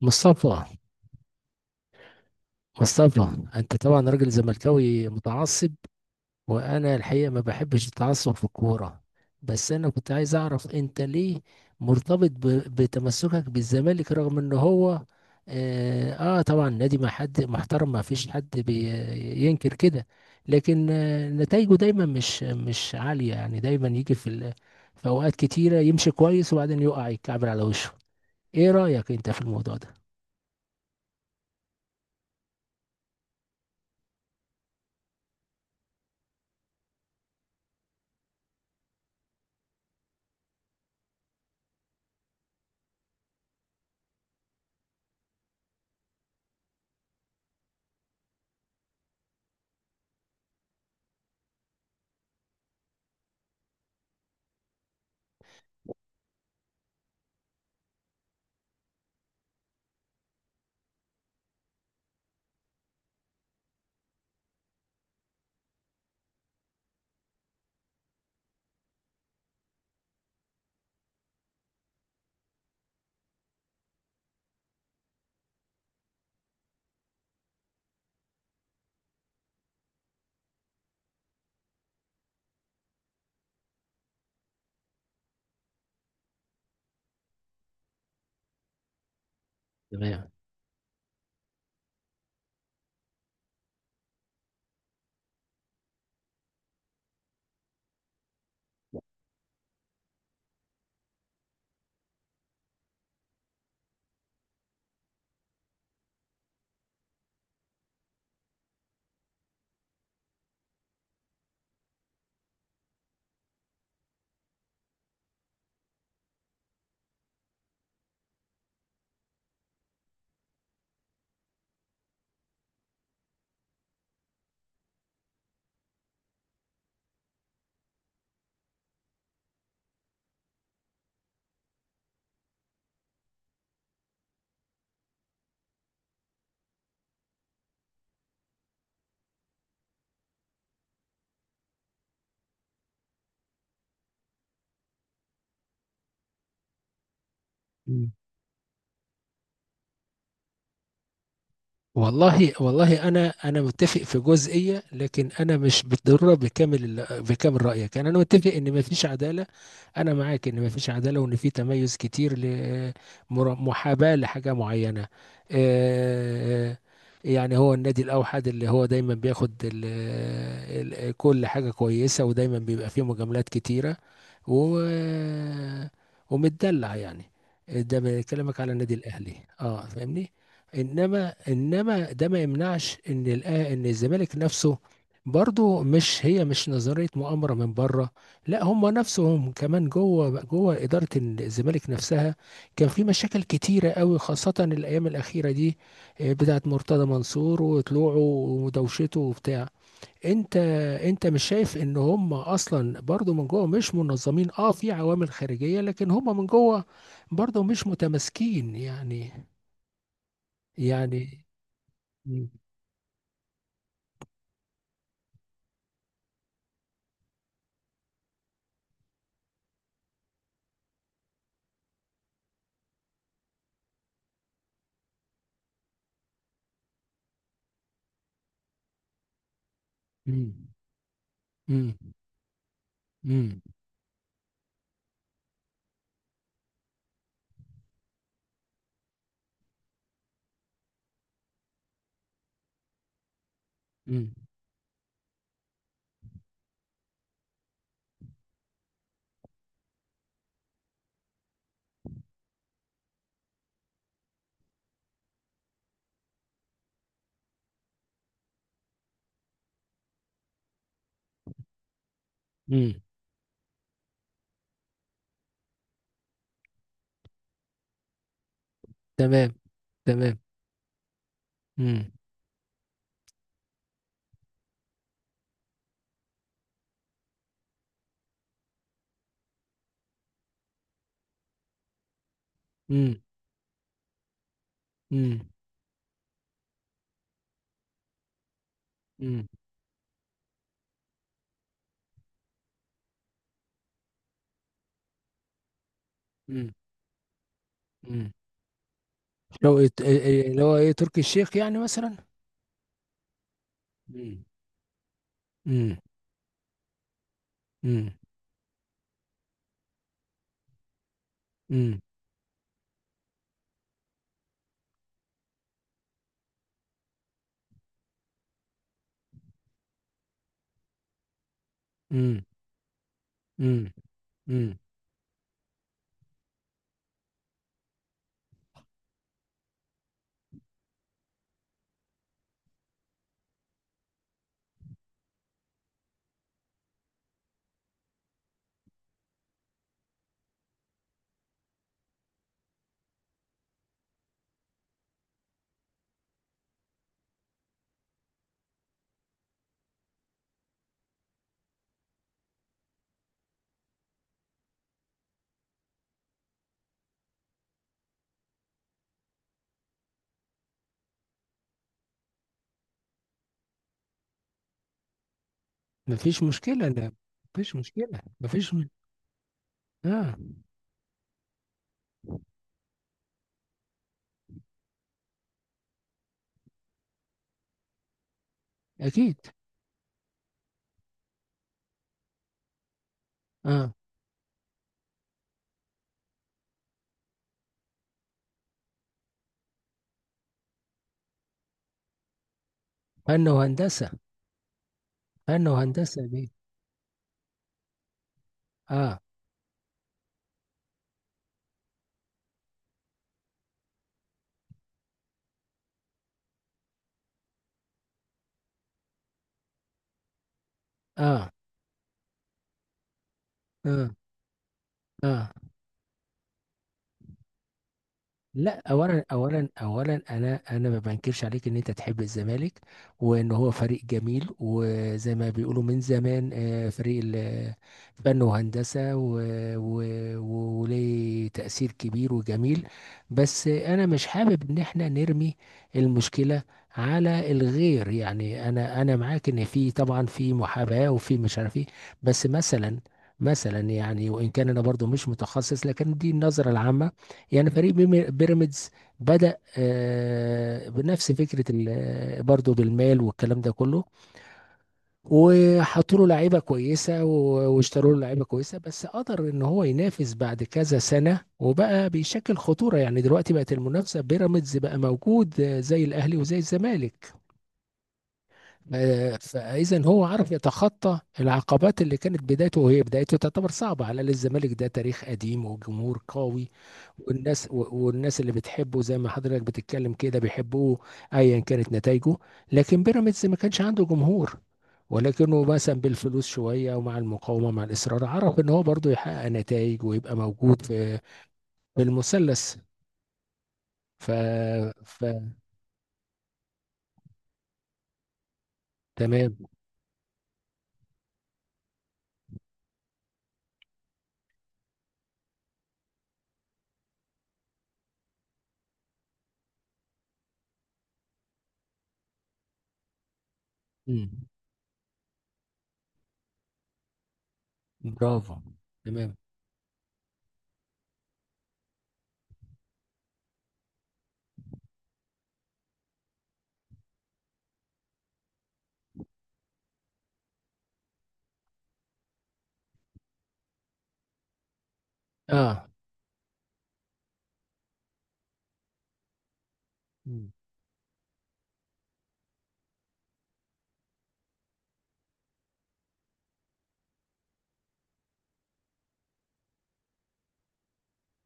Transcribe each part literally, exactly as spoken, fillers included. مصطفى مصطفى انت طبعا راجل زملكاوي متعصب، وانا الحقيقه ما بحبش التعصب في الكوره. بس انا كنت عايز اعرف انت ليه مرتبط ب- بتمسكك بالزمالك رغم ان هو. اه, آه طبعا نادي ما حد محترم، ما فيش حد بينكر كده. لكن آه نتائجه دايما مش مش عاليه يعني، دايما يجي في ال- في اوقات كتيره يمشي كويس وبعدين يقع يتكعبل على وشه. ايه رايك انت في الموضوع ده؟ تمام. والله والله انا انا متفق في جزئيه، لكن انا مش بالضروره بكامل بكامل رايك. يعني انا متفق ان ما فيش عداله. انا معاك ان ما فيش عداله، وان في تميز كتير لمحاباه لحاجه معينه. آه، يعني هو النادي الاوحد اللي هو دايما بياخد ال- ال- كل حاجه كويسه، ودايما بيبقى فيه مجاملات كتيره، و ومتدلع يعني. ده بكلمك على النادي الاهلي. اه، فاهمني. انما انما ده ما يمنعش ان الأ- ان الزمالك نفسه برضو، مش هي مش نظريه مؤامره من بره. لا، هم نفسهم كمان جوه، جوه اداره الزمالك نفسها كان في مشاكل كتيره قوي، خاصه الايام الاخيره دي. آه، بتاعه مرتضى منصور وطلوعه ودوشته وبتاع. انت انت مش شايف ان هم اصلا برضو من جوه مش منظمين؟ اه، في عوامل خارجيه لكن هم من جوه برضو مش متماسكين يعني. يعني مم. مم. مم. مم. مم. مم. تمام. تمام. مم. مم. مم. مم. مم. مم. شوقي، ت- إيه- إيه- اللي هو ايه، تركي الشيخ يعني مثلا. مم. مم. مم. مم. مم. مم. مم. مفيش مشكلة، لا. مفيش مشكلة، مفيش م... اه، اكيد. اه، فن وهندسة، فن وهندسة دي. اه. اه. اه. اه. لا، اولا اولا اولا انا انا ما بنكرش عليك ان انت تحب الزمالك، وان هو فريق جميل وزي ما بيقولوا من زمان. آه، فريق ال- فن وهندسه و- و- و- وليه تاثير كبير وجميل. بس انا مش حابب ان احنا نرمي المشكله على الغير. يعني انا انا معاك ان في طبعا في محاباه، وفي مش عارف ايه. بس مثلا، مثلا يعني وان كان انا برضو مش متخصص لكن دي النظره العامه. يعني فريق بيمي- بيراميدز بدأ آه، بنفس فكرة ال- برضه بالمال والكلام ده كله، وحطوا له لعيبة كويسة و- واشتروا له لعيبة كويسة. بس قدر ان هو ينافس بعد كذا سنة وبقى بيشكل خطورة. يعني دلوقتي بقت المنافسة، بيراميدز بقى موجود آه، زي الأهلي وزي الزمالك. فإذا هو عرف يتخطى العقبات اللي كانت بدايته، وهي بدايته تعتبر صعبة. على الأقل الزمالك ده تاريخ قديم وجمهور قوي، والناس و- والناس اللي بتحبه زي ما حضرتك بتتكلم كده بيحبوه ايا كانت نتائجه. لكن بيراميدز ما كانش عنده جمهور، ولكنه مثلا بالفلوس شويه، ومع المقاومه مع الاصرار عرف ان هو برضه يحقق نتائج ويبقى موجود في في المثلث. ف ف تمام. مم. برافو. تمام. اه. مم.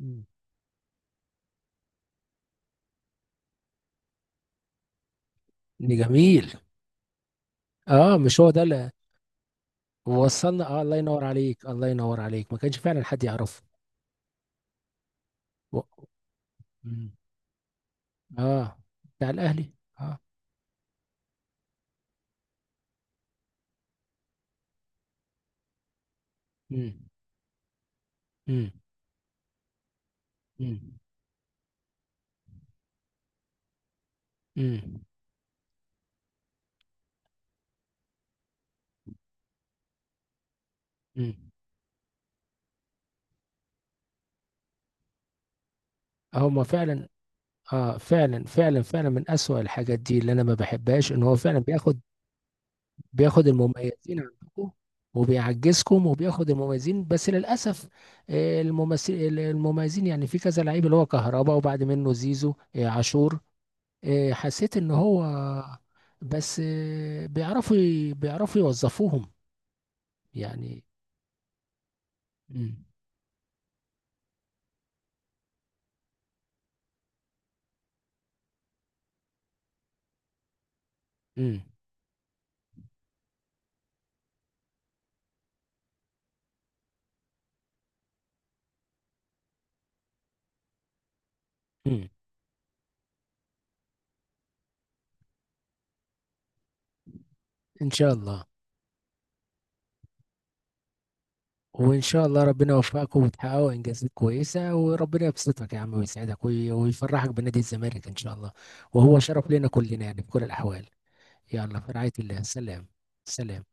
مم. جميل. اه، مش هو ده اللي وصلنا؟ اه، الله ينور عليك، الله ينور عليك، ما كانش فعلا حد يعرفه. و- مم. اه. بتاع الاهلي. اه. امم. امم. امم. امم. امم. هما فعلا. اه، فعلا فعلا فعلا من اسوأ الحاجات دي اللي انا ما بحبهاش، ان هو فعلا بياخد، بياخد المميزين عندكم وبيعجزكم، وبياخد المميزين بس للاسف. آه، الممثل المميزين يعني، في كذا لعيب اللي هو كهربا وبعد منه زيزو، آه، عاشور. آه، حسيت ان هو، بس آه، بيعرفوا ي- بيعرفوا يوظفوهم يعني. امم. امم. ان شاء الله. وان شاء الله ربنا يوفقكم وتحققوا انجازات كويسه، وربنا يبسطك يا عم ويسعدك وي- ويفرحك بنادي الزمالك ان شاء الله. وهو شرف لنا كلنا يعني بكل الاحوال. يلا، في رعايه الله. سلام. سلام.